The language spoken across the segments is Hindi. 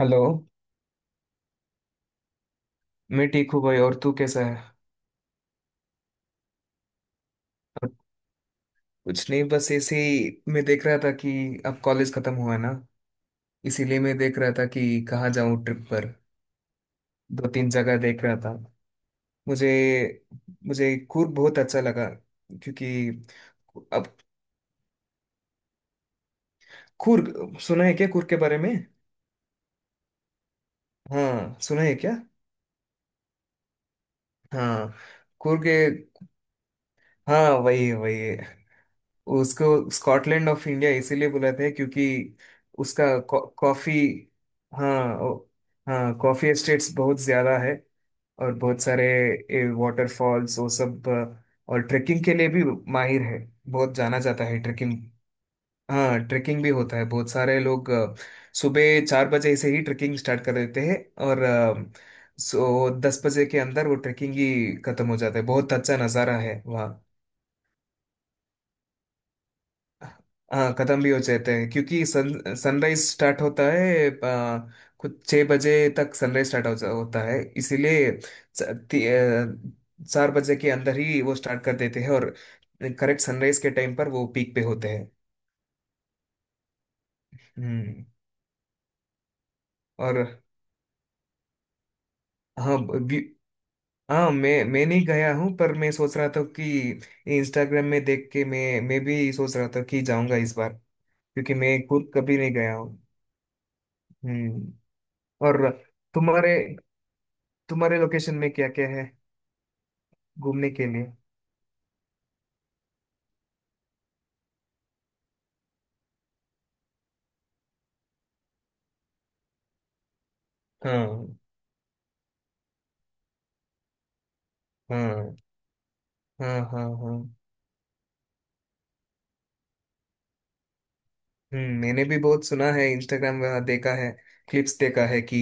हेलो। मैं ठीक हूँ भाई, और तू कैसा है? और कुछ नहीं, बस ऐसे ही मैं देख रहा था कि अब कॉलेज खत्म हुआ है ना, इसीलिए मैं देख रहा था कि कहाँ जाऊँ ट्रिप पर। दो तीन जगह देख रहा था। मुझे मुझे कूर्ग बहुत अच्छा लगा, क्योंकि अब कूर्ग सुना है क्या, कूर्ग के बारे में? हाँ सुना है क्या? हाँ कूर्ग, हाँ वही है, वही है। उसको स्कॉटलैंड ऑफ इंडिया इसीलिए बुलाते हैं क्योंकि उसका कॉफी, हाँ हाँ कॉफी एस्टेट्स बहुत ज्यादा है। और बहुत सारे वाटरफॉल्स वो सब, और ट्रेकिंग के लिए भी माहिर है, बहुत जाना जाता है ट्रेकिंग। हाँ ट्रेकिंग भी होता है, बहुत सारे लोग सुबह चार बजे से ही ट्रेकिंग स्टार्ट कर देते हैं। और सो 10 बजे के अंदर वो ट्रेकिंग ही खत्म हो जाता है। बहुत अच्छा नज़ारा है वहाँ। हाँ खत्म भी हो जाते हैं क्योंकि सन सनराइज स्टार्ट होता है, कुछ 6 बजे तक सनराइज स्टार्ट होता है, इसीलिए च- ती- 4 बजे के अंदर ही वो स्टार्ट कर देते हैं। और करेक्ट सनराइज के टाइम पर वो पीक पे होते हैं। हम्म। और हाँ व्यू, हाँ मैं नहीं गया हूँ, पर मैं सोच रहा था कि इंस्टाग्राम में देख के मैं भी सोच रहा था कि जाऊंगा इस बार, क्योंकि मैं खुद कभी नहीं गया हूँ। हम्म। और तुम्हारे तुम्हारे लोकेशन में क्या क्या है घूमने के लिए? हाँ हाँ हाँ हाँ, हाँ। हम्म, मैंने भी बहुत सुना है, इंस्टाग्राम वहाँ देखा है, क्लिप्स देखा है कि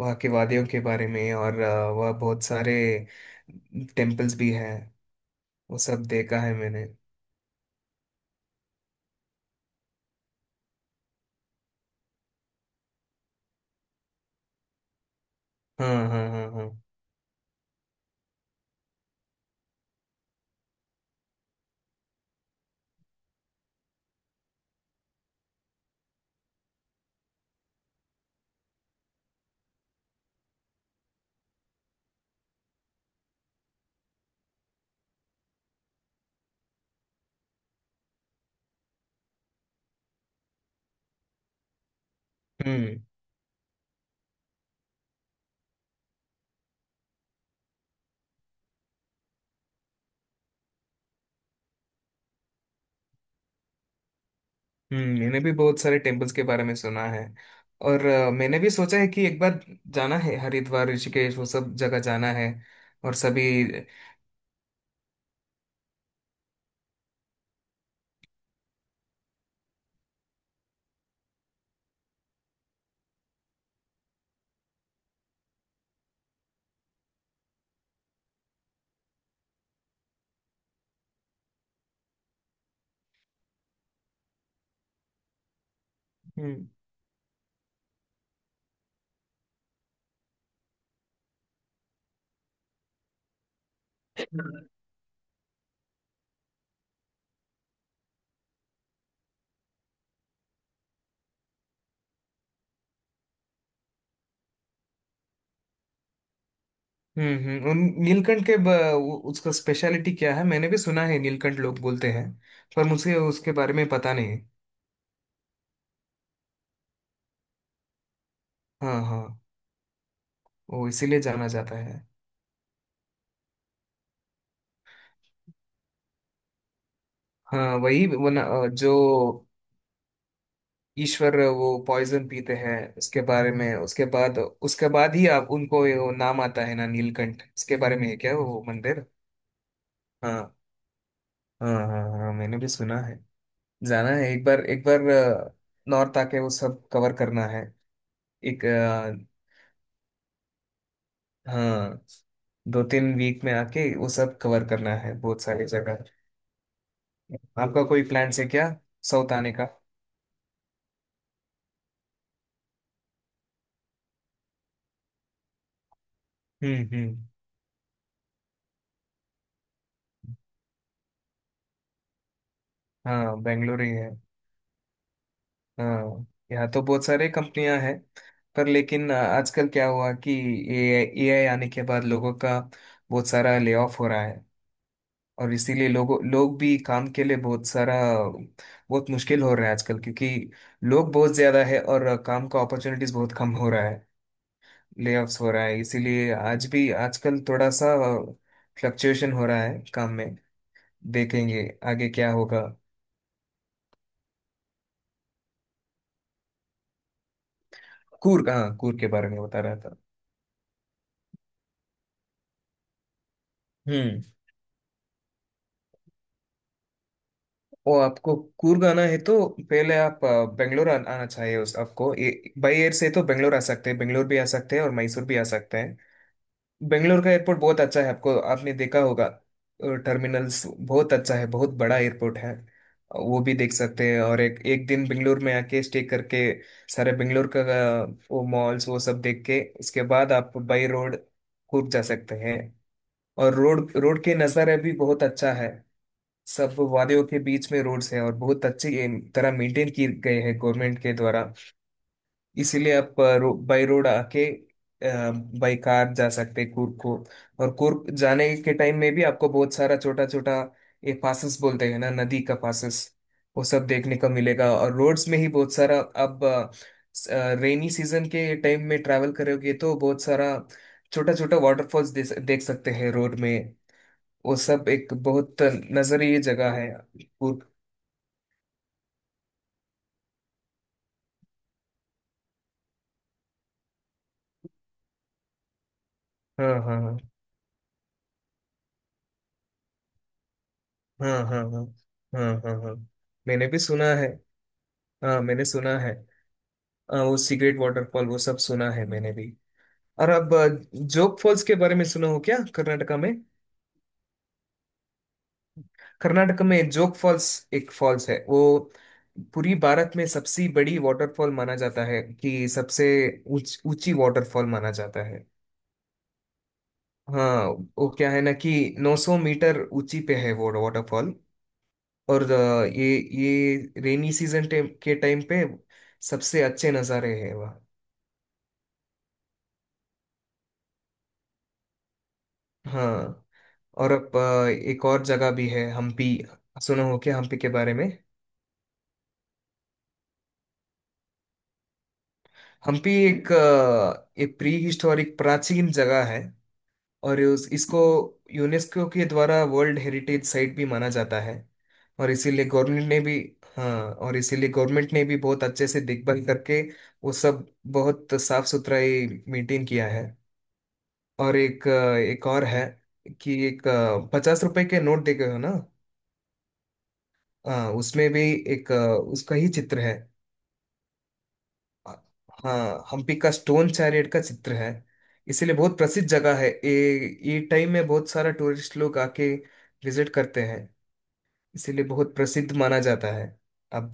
वहाँ के वादियों के बारे में। और वहाँ बहुत सारे टेम्पल्स भी हैं, वो सब देखा है मैंने। हाँ हाँ हाँ हाँ। हम्म, हम्म, मैंने भी बहुत सारे टेम्पल्स के बारे में सुना है। और मैंने भी सोचा है कि एक बार जाना है, हरिद्वार ऋषिकेश वो सब जगह जाना है। और सभी। हम्म हम्म। उन नीलकंठ के उसका स्पेशलिटी क्या है? मैंने भी सुना है नीलकंठ लोग बोलते हैं, पर मुझे उसके बारे में पता नहीं। हाँ हाँ, वो इसीलिए जाना जाता है। हाँ वही वो ना, जो ईश्वर वो पॉइजन पीते हैं उसके बारे में, उसके बाद ही आप उनको ये वो नाम आता है ना नीलकंठ, इसके बारे में है क्या वो मंदिर? हाँ हाँ हाँ हाँ, मैंने भी सुना है। जाना है एक बार, एक बार नॉर्थ आके वो सब कवर करना है। एक, हाँ, दो तीन वीक में आके वो सब कवर करना है, बहुत सारी जगह। आपका कोई प्लान है क्या साउथ आने का? हम्म। हाँ बेंगलोर ही है, हाँ। यहाँ तो बहुत सारे कंपनियां हैं, पर लेकिन आजकल क्या हुआ कि ए आई आने के बाद लोगों का बहुत सारा ले ऑफ हो रहा है। और इसीलिए लोग भी काम के लिए बहुत सारा, बहुत मुश्किल हो रहा है आजकल, क्योंकि लोग बहुत ज्यादा है और काम का अपॉर्चुनिटीज बहुत कम हो रहा है, लेऑफ्स हो रहा है, इसीलिए आज भी आजकल थोड़ा सा फ्लक्चुएशन हो रहा है काम में। देखेंगे आगे क्या होगा। कूर्ग, हाँ कूर्ग के बारे में बता रहा था। हम्म। वो आपको कूर्ग आना है तो पहले आप बेंगलोर आना चाहिए, उस आपको बाई एयर से तो बेंगलोर आ सकते हैं, बेंगलोर भी आ सकते हैं और मैसूर भी आ सकते हैं। बेंगलोर का एयरपोर्ट बहुत अच्छा है, आपको आपने देखा होगा। टर्मिनल्स बहुत अच्छा है, बहुत बड़ा एयरपोर्ट है। वो भी देख सकते हैं, और एक एक दिन बेंगलोर में आके स्टे करके सारे बेंगलोर का अ, वो मॉल्स वो सब देख के उसके बाद आप बाई रोड कुर्ग जा सकते हैं। और रोड रोड के नज़ारा भी बहुत अच्छा है, सब वादियों के बीच में रोड्स हैं और बहुत अच्छी तरह मेंटेन किए गए हैं गवर्नमेंट के द्वारा। इसीलिए आप बाई रोड आके बाई कार जा सकते हैं कुर्ग को। और कुर्ग जाने के टाइम में भी आपको बहुत सारा छोटा छोटा, ये पासेस बोलते हैं ना नदी का पासेस, वो सब देखने को मिलेगा। और रोड्स में ही बहुत सारा, अब रेनी सीजन के टाइम में ट्रैवल करोगे तो बहुत सारा छोटा छोटा वाटरफॉल्स देख सकते हैं रोड में। वो सब एक बहुत नजरीय जगह है कुर्ग। हाँ हाँ हाँ हाँ, हाँ हाँ हाँ हाँ, हाँ मैंने भी सुना है। हाँ मैंने सुना है। वो सिगरेट वाटरफॉल वो सब सुना है मैंने भी। और अब जोग फॉल्स के बारे में सुना हो क्या कर्नाटका में? कर्नाटका में जोग फॉल्स, एक फॉल्स है वो पूरी भारत में सबसे बड़ी वाटरफॉल माना जाता है, कि सबसे ऊंची वाटरफॉल माना जाता है। हाँ वो क्या है ना कि 900 मीटर ऊंची पे है वो वाटरफॉल। और ये ये रेनी सीजन के टाइम पे सबसे अच्छे नज़ारे हैं वहाँ। हाँ। और अब एक और जगह भी है, हम्पी। सुनो हो क्या हम्पी के बारे में? हम्पी एक एक प्री हिस्टोरिक प्राचीन जगह है। और इसको यूनेस्को के द्वारा वर्ल्ड हेरिटेज साइट भी माना जाता है। और इसीलिए गवर्नमेंट ने भी, हाँ, और इसीलिए गवर्नमेंट ने भी बहुत अच्छे से देखभाल करके वो सब बहुत साफ सुथराई मेंटेन किया है। और एक एक और है कि एक 50 रुपए के नोट देखे हो ना? हाँ उसमें भी एक उसका ही चित्र है। हाँ, हम्पी का स्टोन चैरियट का चित्र है। इसीलिए बहुत प्रसिद्ध जगह है ये टाइम में बहुत सारा टूरिस्ट लोग आके विजिट करते हैं, इसीलिए बहुत प्रसिद्ध माना जाता है। अब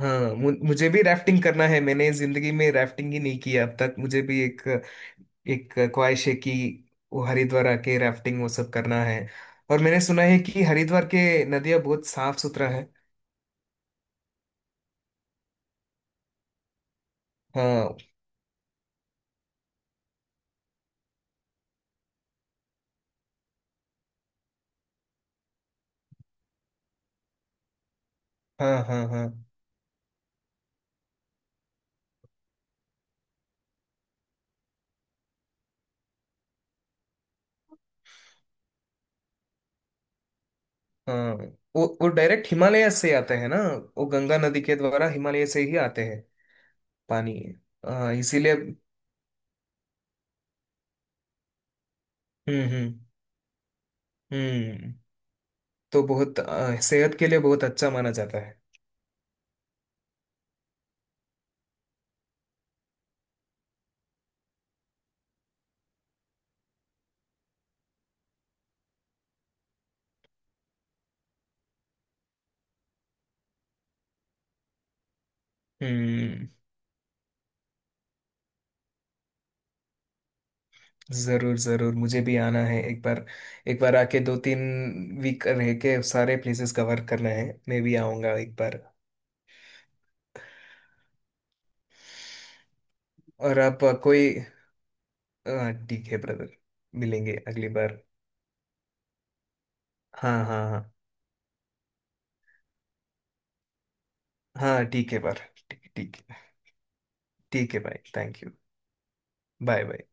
हाँ, मुझे भी राफ्टिंग करना है। मैंने जिंदगी में राफ्टिंग ही नहीं किया अब तक। मुझे भी एक एक ख्वाहिश है कि वो हरिद्वार आके राफ्टिंग वो सब करना है। और मैंने सुना है कि हरिद्वार के नदियाँ बहुत साफ सुथरा है। हाँ हाँ हाँ हाँ हाँ। वो डायरेक्ट हिमालय से आते हैं ना, वो गंगा नदी के द्वारा हिमालय से ही आते हैं पानी। हाँ इसीलिए। हम्म, हम्म, हम्म तो बहुत सेहत के लिए बहुत अच्छा माना जाता है। हम्म। जरूर जरूर, मुझे भी आना है एक बार। एक बार आके दो तीन वीक रह के सारे प्लेसेस कवर करना है, मैं भी आऊंगा एक बार। और आप कोई ठीक है ब्रदर, मिलेंगे अगली बार। हाँ हाँ हाँ, हाँ ठीक है बार, ठीक ठीक है भाई थैंक यू। Bye bye.